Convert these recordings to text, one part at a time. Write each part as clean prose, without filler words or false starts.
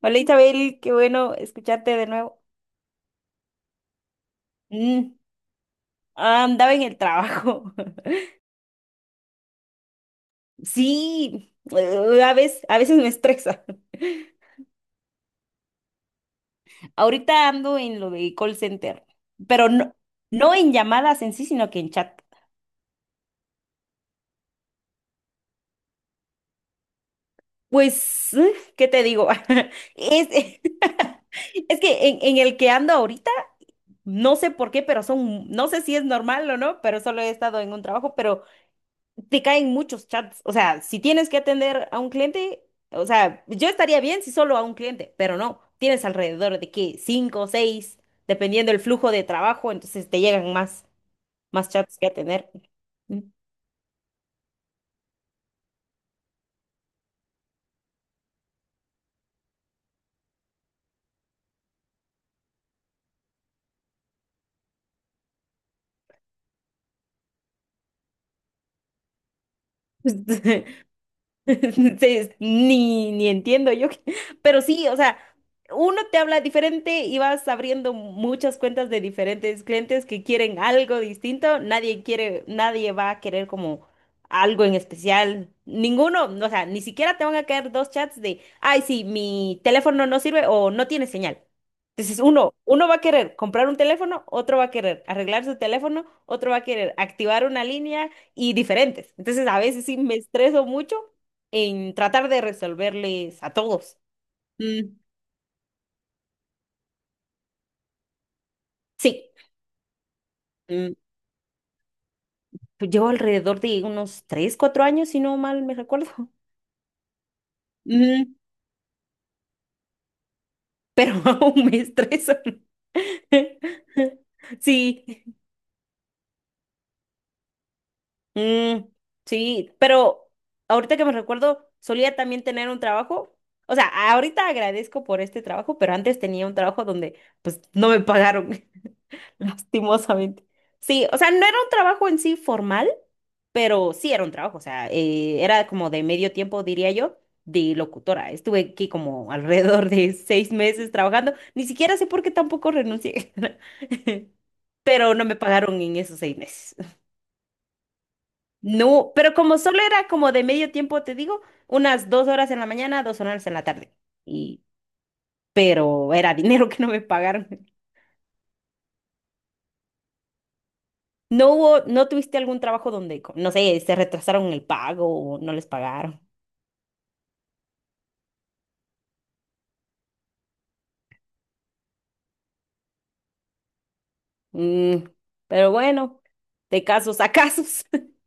Hola, Isabel, qué bueno escucharte de nuevo. Mm, Andaba en el trabajo. Sí, a veces me estresa. Ahorita ando en lo de call center, pero no, no en llamadas en sí, sino que en chat. Pues, ¿qué te digo? Es, es que en el que ando ahorita, no sé por qué, pero son, no sé si es normal o no, pero solo he estado en un trabajo, pero te caen muchos chats. O sea, si tienes que atender a un cliente, o sea, yo estaría bien si solo a un cliente, pero no. Tienes alrededor de que cinco o seis, dependiendo el flujo de trabajo, entonces te llegan más chats que atender. Mm. Sí, ni entiendo yo, pero sí, o sea, uno te habla diferente y vas abriendo muchas cuentas de diferentes clientes que quieren algo distinto, nadie quiere, nadie va a querer como algo en especial, ninguno, no, o sea, ni siquiera te van a caer dos chats de, ay, sí, mi teléfono no sirve o no tiene señal. Entonces uno va a querer comprar un teléfono, otro va a querer arreglar su teléfono, otro va a querer activar una línea y diferentes. Entonces a veces sí me estreso mucho en tratar de resolverles a todos. Mm. Sí, mm, llevo alrededor de unos 3 4 años, si no mal me recuerdo. Ujú. Pero aún me estreso. Sí, mm, sí, pero ahorita que me recuerdo, solía también tener un trabajo. O sea, ahorita agradezco por este trabajo, pero antes tenía un trabajo donde pues no me pagaron, lastimosamente. Sí, o sea, no era un trabajo en sí formal. Pero sí era un trabajo, o sea, era como de medio tiempo, diría yo, de locutora. Estuve aquí como alrededor de 6 meses trabajando. Ni siquiera sé por qué tampoco renuncié, pero no me pagaron en esos 6 meses. No, pero como solo era como de medio tiempo, te digo, unas 2 horas en la mañana, 2 horas en la tarde. Y, pero era dinero que no me pagaron. No tuviste algún trabajo donde, no sé, se retrasaron el pago o no les pagaron? Mm, pero bueno, de casos a casos.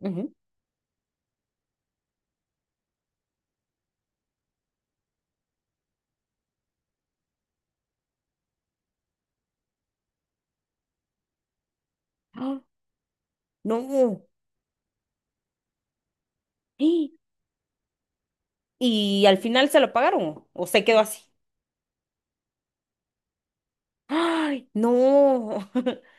Ujú. ¡Ah! No. ¡Ah! Y al final se lo pagaron o se quedó así. Ay, no.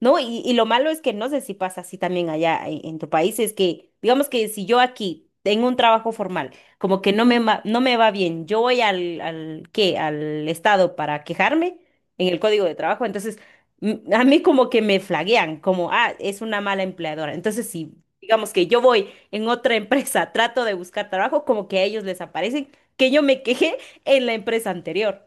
¿No? Y lo malo es que no sé si pasa así también allá en tu país, es que, digamos que si yo aquí tengo un trabajo formal, como que no me va bien, yo voy al, ¿qué? Al Estado para quejarme en el código de trabajo, entonces a mí como que me flaguean, como, ah, es una mala empleadora. Entonces, si digamos que yo voy en otra empresa, trato de buscar trabajo, como que a ellos les aparecen que yo me quejé en la empresa anterior.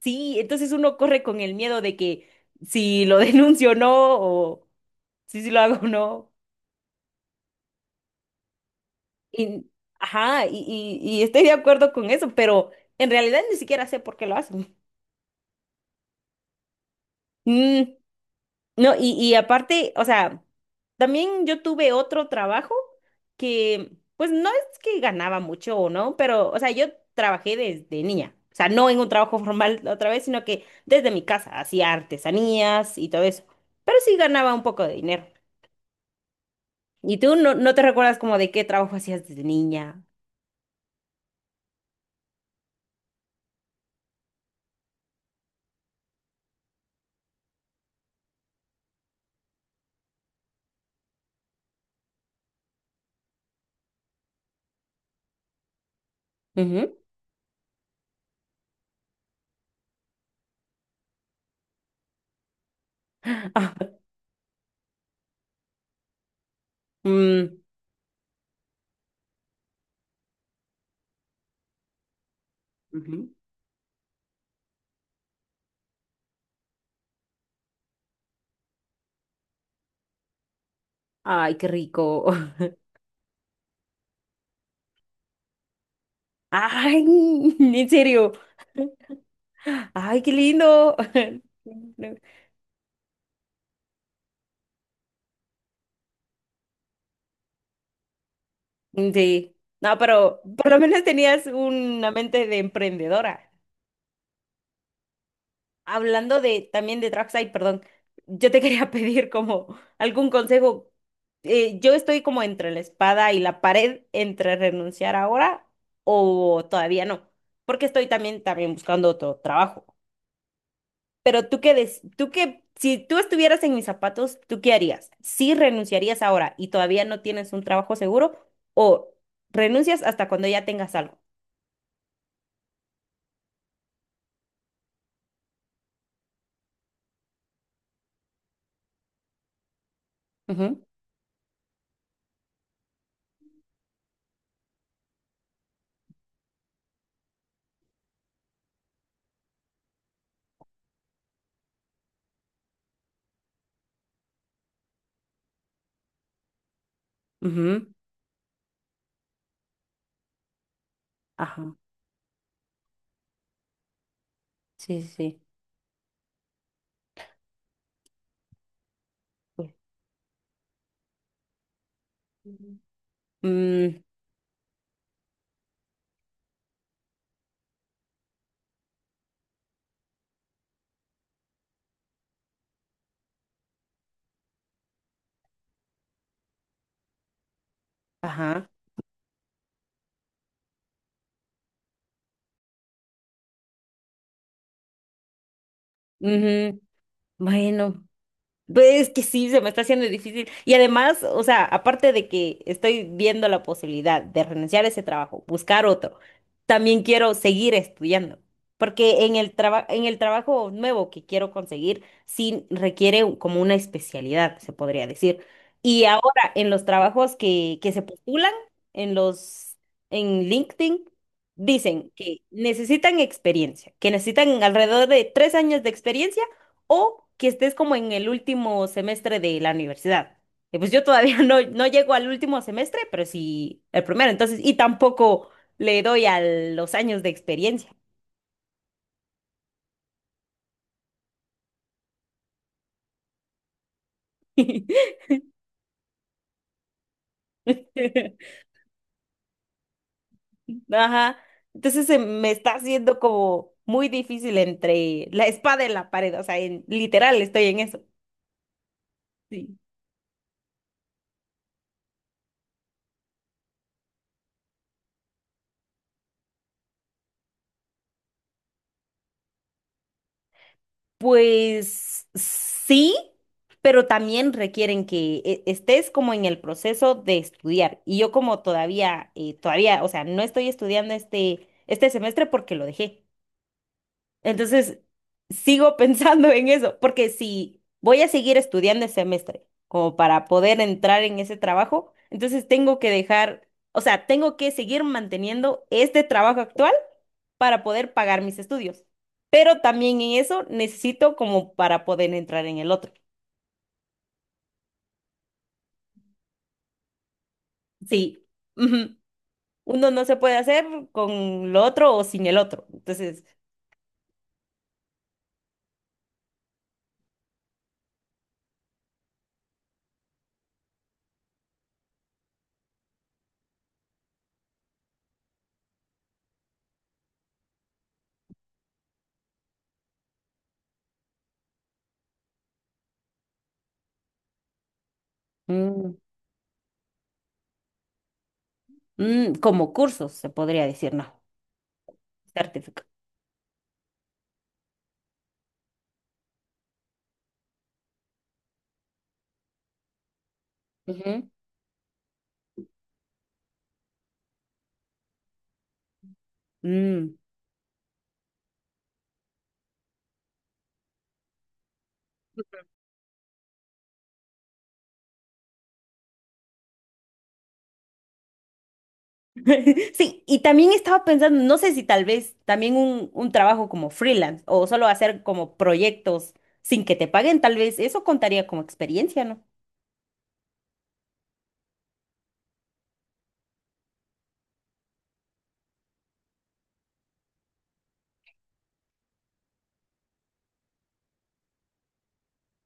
Sí, entonces uno corre con el miedo de que si lo denuncio o no, o si lo hago o no. Y, ajá, y estoy de acuerdo con eso, pero en realidad ni siquiera sé por qué lo hacen. Mm, no, y aparte, o sea, también yo tuve otro trabajo que, pues no es que ganaba mucho o no, pero, o sea, yo trabajé desde niña. O sea, no en un trabajo formal otra vez, sino que desde mi casa hacía artesanías y todo eso. Pero sí ganaba un poco de dinero. ¿Y tú no, no te recuerdas como de qué trabajo hacías desde niña? Ujú. Ah. Mm. Ujú. Ay, qué rico. Ay, en serio. Ay, qué lindo. Sí. No, pero por lo menos tenías una mente de emprendedora. Hablando de también de Dragside, perdón, yo te quería pedir como algún consejo. Yo estoy como entre la espada y la pared, entre renunciar ahora o todavía no, porque estoy también buscando otro trabajo. Pero tú qué, si tú estuvieras en mis zapatos, ¿tú qué harías? ¿Sí renunciarías ahora y todavía no tienes un trabajo seguro o renuncias hasta cuando ya tengas algo? Ujú, ujú, ajá. Sí, sí. Sí. Ujú. Mm, ajá. Ujú. Bueno, pues es que sí, se me está haciendo difícil. Y además, o sea, aparte de que estoy viendo la posibilidad de renunciar a ese trabajo, buscar otro, también quiero seguir estudiando, porque en el en el trabajo nuevo que quiero conseguir, sí requiere como una especialidad, se podría decir. Y ahora, en los trabajos que se postulan, en los, en LinkedIn, dicen que necesitan experiencia, que necesitan alrededor de 3 años de experiencia o que estés como en el último semestre de la universidad. Y pues yo todavía no, no llego al último semestre, pero sí el primero, entonces, y tampoco le doy a los años de experiencia. Ajá. Entonces se me está haciendo como muy difícil entre la espada y la pared, o sea, literal estoy en eso. Sí. Pues sí, pero también requieren que estés como en el proceso de estudiar. Y yo como todavía, o sea, no estoy estudiando este semestre porque lo dejé. Entonces, sigo pensando en eso, porque si voy a seguir estudiando el semestre como para poder entrar en ese trabajo, entonces tengo que dejar, o sea, tengo que seguir manteniendo este trabajo actual para poder pagar mis estudios. Pero también en eso necesito como para poder entrar en el otro. Sí, ujú. Uno no se puede hacer con lo otro o sin el otro. Entonces, mm, como cursos se podría decir, no, certificado. Ujú. Mm. Sí, y también estaba pensando, no sé si tal vez también un trabajo como freelance o solo hacer como proyectos sin que te paguen, tal vez eso contaría como experiencia, ¿no?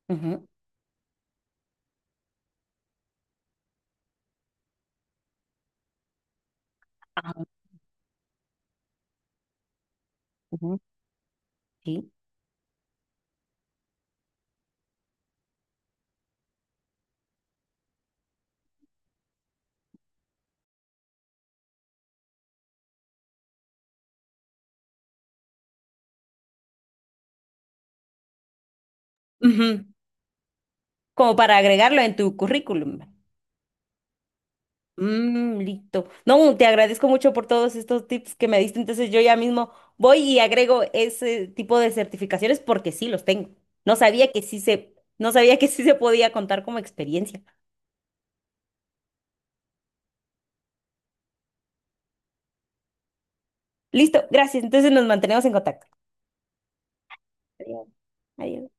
Ujú. Ah, ujú. Sí. Ujú. Como para agregarlo en tu currículum. Mm, listo. No, te agradezco mucho por todos estos tips que me diste. Entonces yo ya mismo voy y agrego ese tipo de certificaciones porque sí los tengo. No sabía que sí se, No sabía que sí se podía contar como experiencia. Listo, gracias. Entonces nos mantenemos en contacto. Adiós. Adiós.